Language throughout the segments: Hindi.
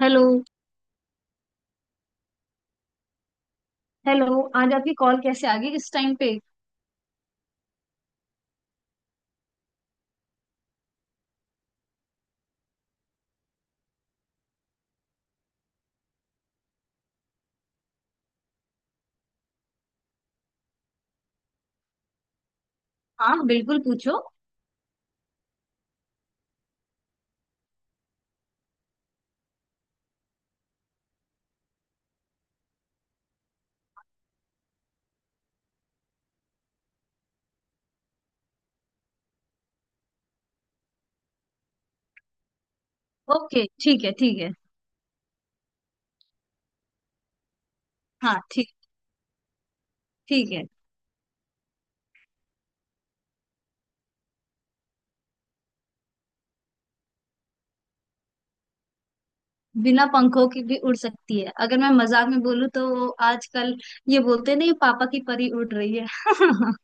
हेलो। हेलो, आज आपकी कॉल कैसे आ गई इस टाइम पे? हाँ बिल्कुल, पूछो। ओके ठीक है, ठीक है। हाँ ठीक। ठीक है। बिना पंखों की भी उड़ सकती है? अगर मैं मजाक में बोलूँ तो वो आजकल ये बोलते नहीं, पापा की परी उड़ रही है।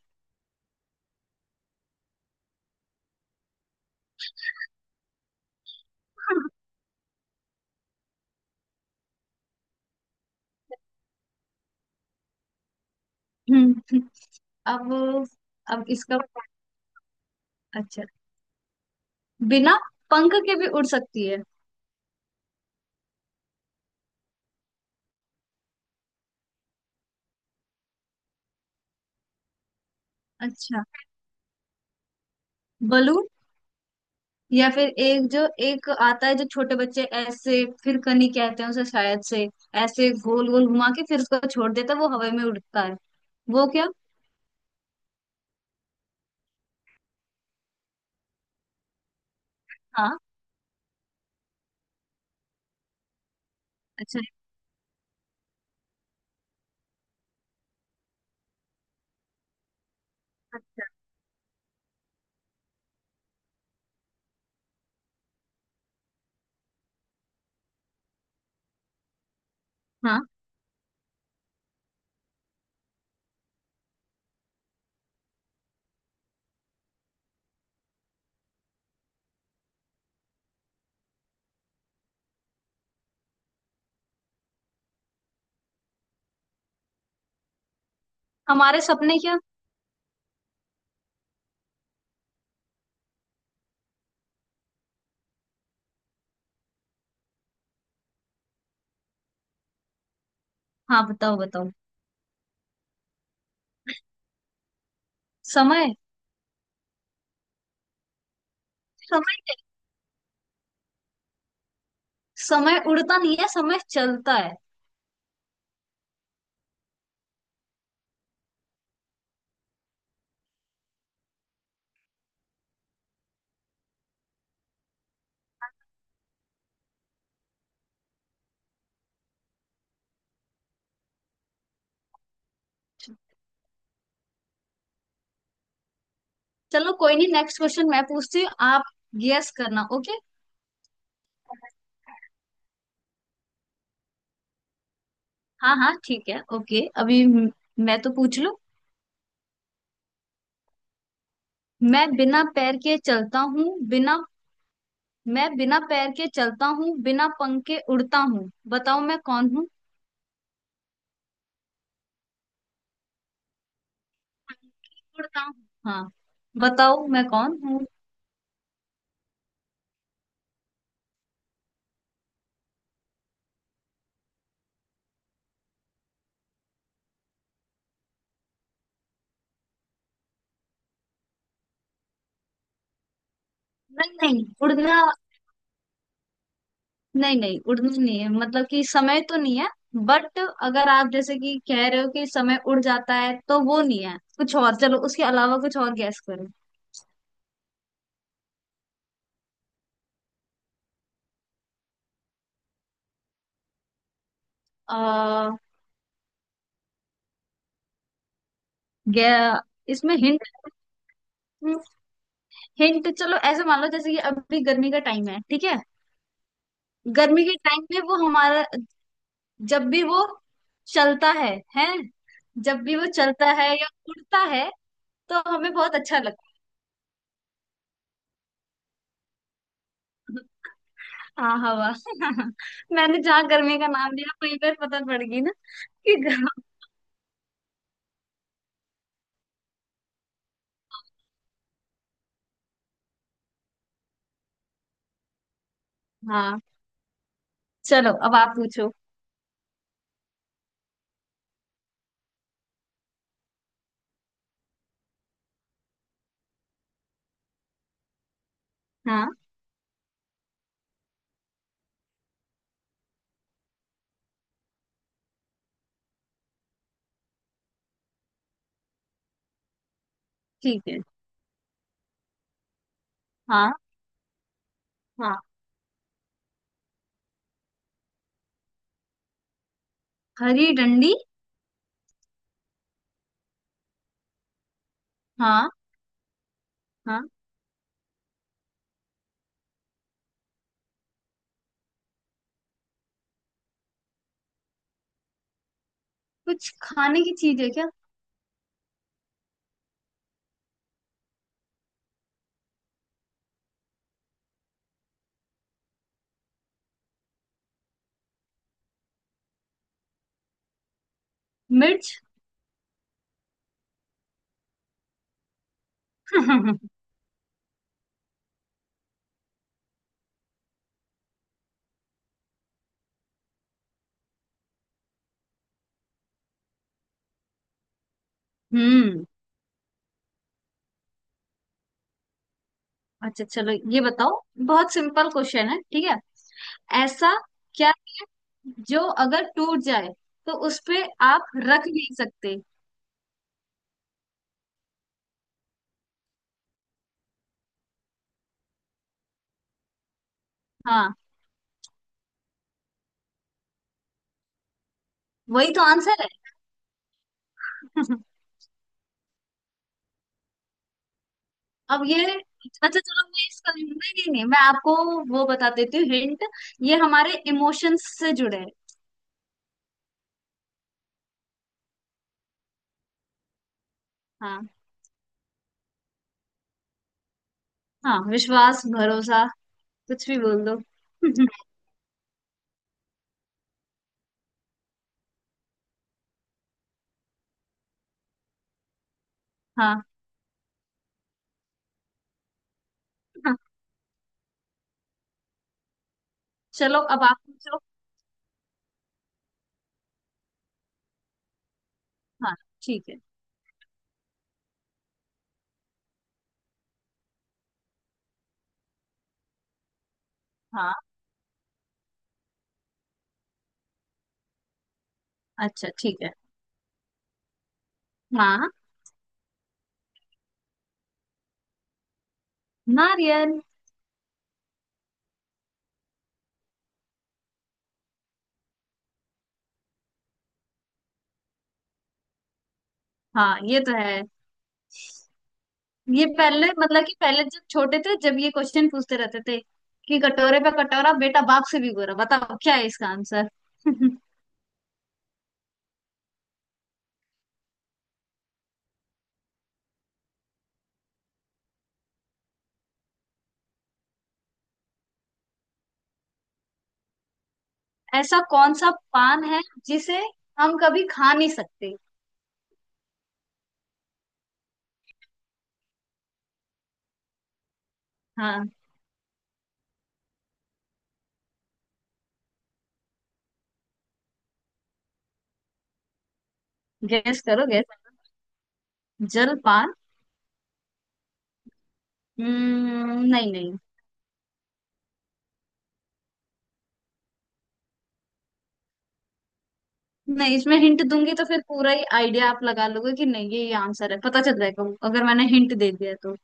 हम्म, अब। अब इसका, अच्छा, बिना पंख के भी उड़ सकती है? अच्छा, बलून। या फिर एक जो एक आता है जो छोटे बच्चे ऐसे फिर कनी कहते हैं उसे शायद से, ऐसे गोल गोल घुमा के फिर उसको छोड़ देता है वो हवा में उड़ता है। वो क्या? हाँ। अच्छा। अच्छा। हाँ, हमारे सपने क्या? हाँ बताओ, बताओ। समय। समय? समय उड़ता नहीं है, समय चलता है। चलो कोई नहीं, नेक्स्ट क्वेश्चन मैं पूछती हूँ, आप गेस करना, ओके? हाँ हाँ ठीक है, ओके। मैं तो पूछ लूं। मैं बिना पैर के चलता हूँ, बिना मैं बिना पैर के चलता हूँ, बिना पंख के उड़ता हूँ, बताओ मैं कौन हूँ? उड़ता हूँ। हाँ। बताओ मैं कौन हूँ? नहीं नहीं, उड़ना। नहीं नहीं, उड़ना नहीं है मतलब कि समय तो नहीं है। बट अगर आप जैसे कि कह रहे हो कि समय उड़ जाता है तो वो नहीं है, कुछ और। चलो उसके अलावा कुछ और गैस करो। आ, गया। इसमें हिंट, हिंट, चलो ऐसे मान लो जैसे कि अभी गर्मी का टाइम है ठीक है? गर्मी के टाइम में वो हमारा, जब भी वो चलता है, जब भी वो चलता है या उड़ता है तो हमें बहुत अच्छा लगता है। हाँ हवा। मैंने जहाँ गर्मी का नाम लिया वहीं पर पता पड़ गई ना कि गर्म-। हाँ चलो अब आप पूछो। हाँ ठीक है। हाँ हाँ। हरी डंडी। हाँ। हाँ। कुछ खाने की चीज है क्या? मिर्च। हम्म। अच्छा चलो ये बताओ, बहुत सिंपल क्वेश्चन है ठीक है? ऐसा क्या जो अगर टूट जाए तो उस पे आप रख नहीं सकते? हाँ। वही तो आंसर है। अब ये, अच्छा चलो मैं इसका, नहीं नहीं नहीं, मैं आपको वो बता देती हूँ हिंट, ये हमारे इमोशंस से जुड़े हैं। हाँ। हाँ विश्वास, भरोसा, कुछ भी बोल दो। हाँ। हाँ चलो अब आप पूछो। हाँ ठीक है। हाँ। अच्छा ठीक है। हाँ। नारियल। हाँ ये तो है। ये पहले मतलब कि पहले जब छोटे थे जब ये क्वेश्चन पूछते रहते थे कि कटोरे पे कटोरा, बेटा बाप से भी गोरा, बताओ क्या है इसका आंसर। ऐसा कौन सा पान है जिसे हम कभी खा नहीं सकते? हाँ। गैस करो, गैस। जल पान? नहीं नहीं। नहीं, इसमें हिंट दूंगी तो फिर पूरा ही आइडिया आप लगा लोगे कि नहीं ये ये आंसर है, पता चल जाएगा अगर मैंने हिंट दे दिया तो।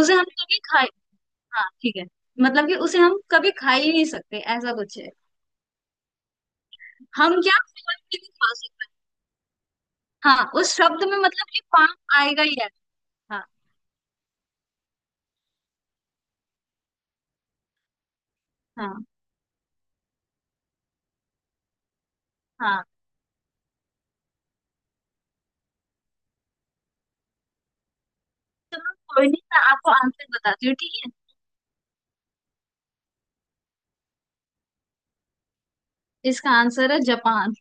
उसे हम कभी खाए, हाँ ठीक है, मतलब कि उसे हम कभी खा ही नहीं सकते ऐसा कुछ है। हम क्या फल भी नहीं खा सकते? हाँ उस शब्द में मतलब कि पाम आएगा ही आएगा। हाँ। हाँ। हाँ। कोई नहीं मैं आपको आंसर बताती हूँ, ठीक है? इसका आंसर है जापान।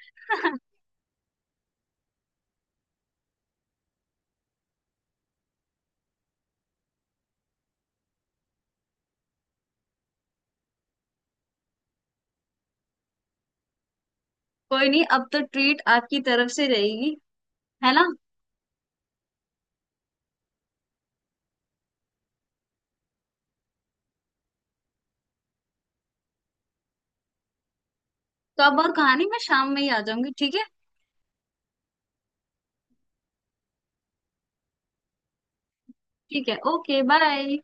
कोई नहीं, अब तो ट्रीट आपकी तरफ से रहेगी, है ना? तो अब और कहानी मैं शाम में ही आ जाऊंगी ठीक है? ठीक है ओके बाय।